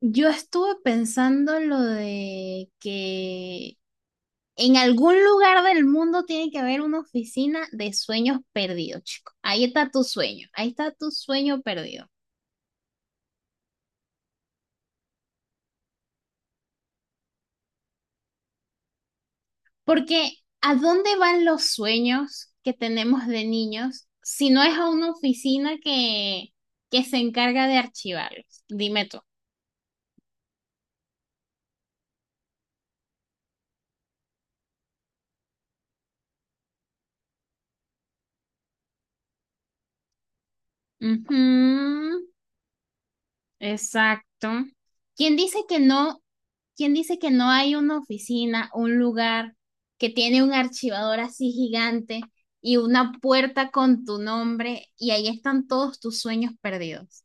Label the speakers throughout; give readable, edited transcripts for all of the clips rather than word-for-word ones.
Speaker 1: Yo estuve pensando lo de que en algún lugar del mundo tiene que haber una oficina de sueños perdidos, chico. Ahí está tu sueño, ahí está tu sueño perdido. Porque ¿a dónde van los sueños que tenemos de niños si no es a una oficina que se encarga de archivarlos? Dime tú. Ujú. Exacto. ¿Quién dice que no? ¿Quién dice que no hay una oficina, un lugar que tiene un archivador así gigante y una puerta con tu nombre y ahí están todos tus sueños perdidos?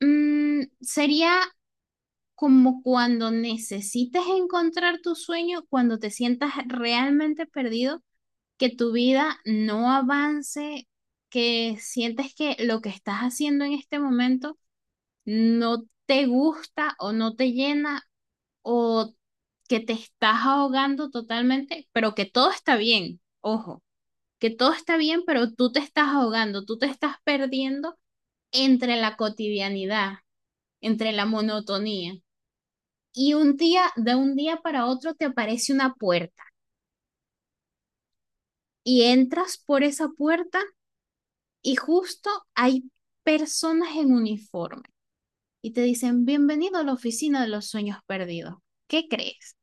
Speaker 1: Mm, sería como cuando necesites encontrar tu sueño, cuando te sientas realmente perdido, que tu vida no avance, que sientes que lo que estás haciendo en este momento no te gusta o no te llena o que te estás ahogando totalmente, pero que todo está bien, ojo, que todo está bien, pero tú te estás ahogando, tú te estás perdiendo entre la cotidianidad, entre la monotonía. Y un día, de un día para otro, te aparece una puerta y entras por esa puerta y justo hay personas en uniforme y te dicen, bienvenido a la oficina de los sueños perdidos. ¿Qué crees?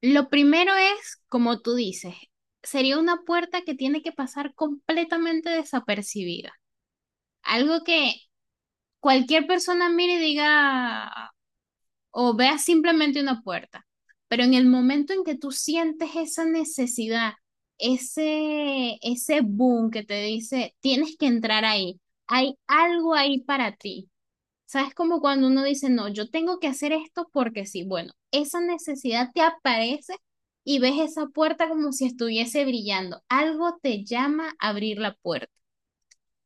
Speaker 1: Lo primero es, como tú dices, sería una puerta que tiene que pasar completamente desapercibida. Algo que cualquier persona mire y diga o vea simplemente una puerta. Pero en el momento en que tú sientes esa necesidad, ese boom que te dice, tienes que entrar ahí, hay algo ahí para ti. ¿Sabes? Como cuando uno dice, no, yo tengo que hacer esto porque sí. Bueno, esa necesidad te aparece y ves esa puerta como si estuviese brillando. Algo te llama a abrir la puerta.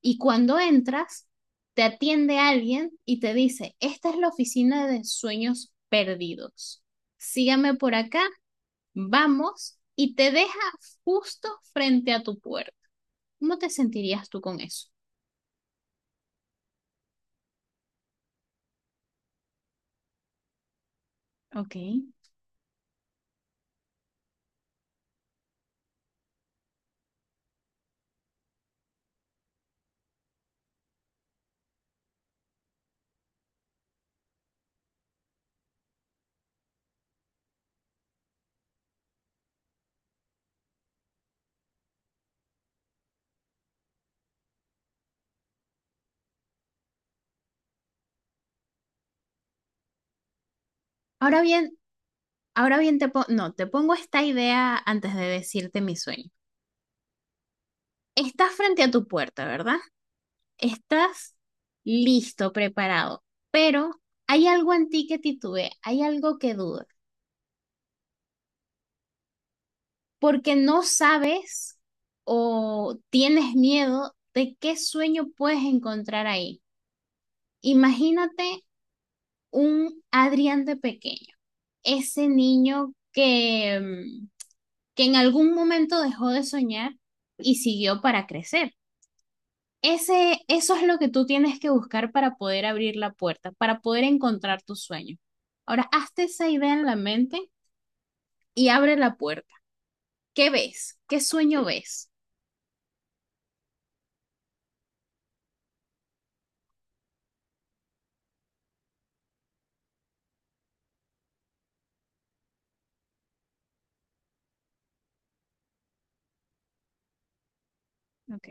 Speaker 1: Y cuando entras, te atiende alguien y te dice, esta es la oficina de sueños perdidos. Sígame por acá, vamos, y te deja justo frente a tu puerta. ¿Cómo te sentirías tú con eso? Ok. Ahora bien, no, te pongo esta idea antes de decirte mi sueño. Estás frente a tu puerta, ¿verdad? Estás listo, preparado, pero hay algo en ti que titubea, hay algo que duda, porque no sabes o tienes miedo de qué sueño puedes encontrar ahí. Imagínate un Adrián de pequeño, ese niño que que en algún momento dejó de soñar y siguió para crecer. Ese, eso es lo que tú tienes que buscar para poder abrir la puerta, para poder encontrar tu sueño. Ahora, hazte esa idea en la mente y abre la puerta. ¿Qué ves? ¿Qué sueño ves? Ok,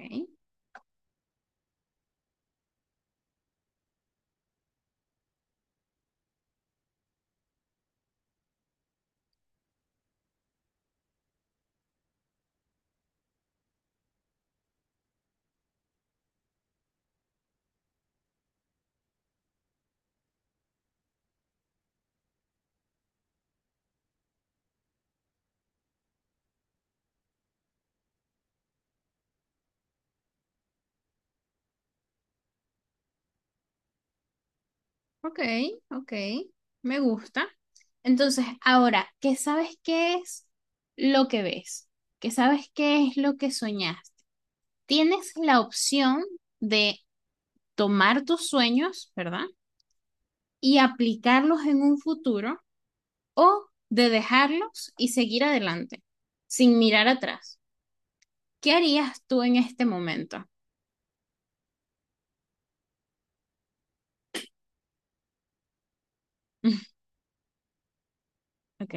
Speaker 1: ok, ok, me gusta. Entonces, ahora, ¿qué sabes qué es lo que ves? ¿Qué sabes qué es lo que soñaste? Tienes la opción de tomar tus sueños, ¿verdad? Y aplicarlos en un futuro o de dejarlos y seguir adelante, sin mirar atrás. ¿Qué harías tú en este momento? Ok,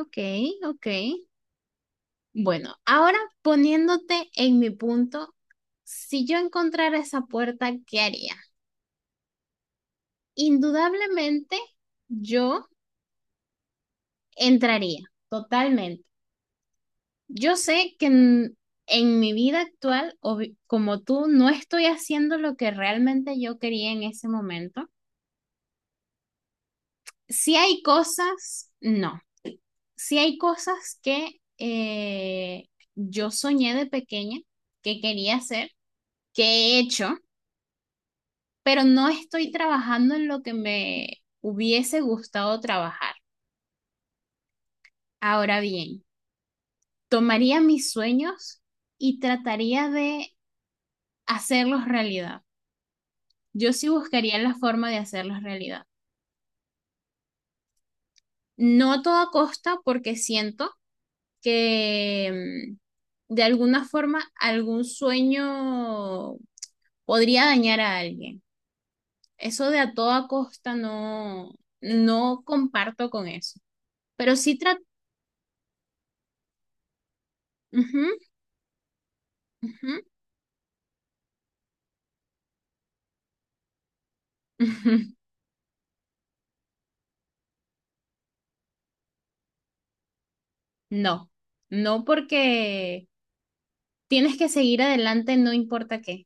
Speaker 1: ok, ok. Bueno, ahora poniéndote en mi punto, si yo encontrara esa puerta, ¿qué haría? Indudablemente yo entraría, totalmente. Yo sé que en mi vida actual, como tú, no estoy haciendo lo que realmente yo quería en ese momento. Si hay cosas, no. Sí hay cosas que yo soñé de pequeña que quería hacer, que he hecho, pero no estoy trabajando en lo que me hubiese gustado trabajar. Ahora bien, tomaría mis sueños y trataría de hacerlos realidad. Yo sí buscaría la forma de hacerlos realidad. No a toda costa porque siento que de alguna forma algún sueño podría dañar a alguien. Eso de a toda costa no, no comparto con eso. Pero sí trato. No, no porque tienes que seguir adelante, no importa qué.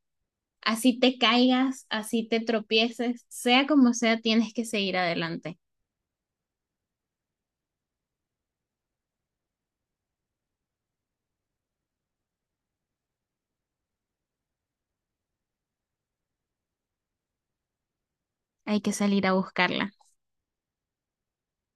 Speaker 1: Así te caigas, así te tropieces, sea como sea, tienes que seguir adelante. Hay que salir a buscarla.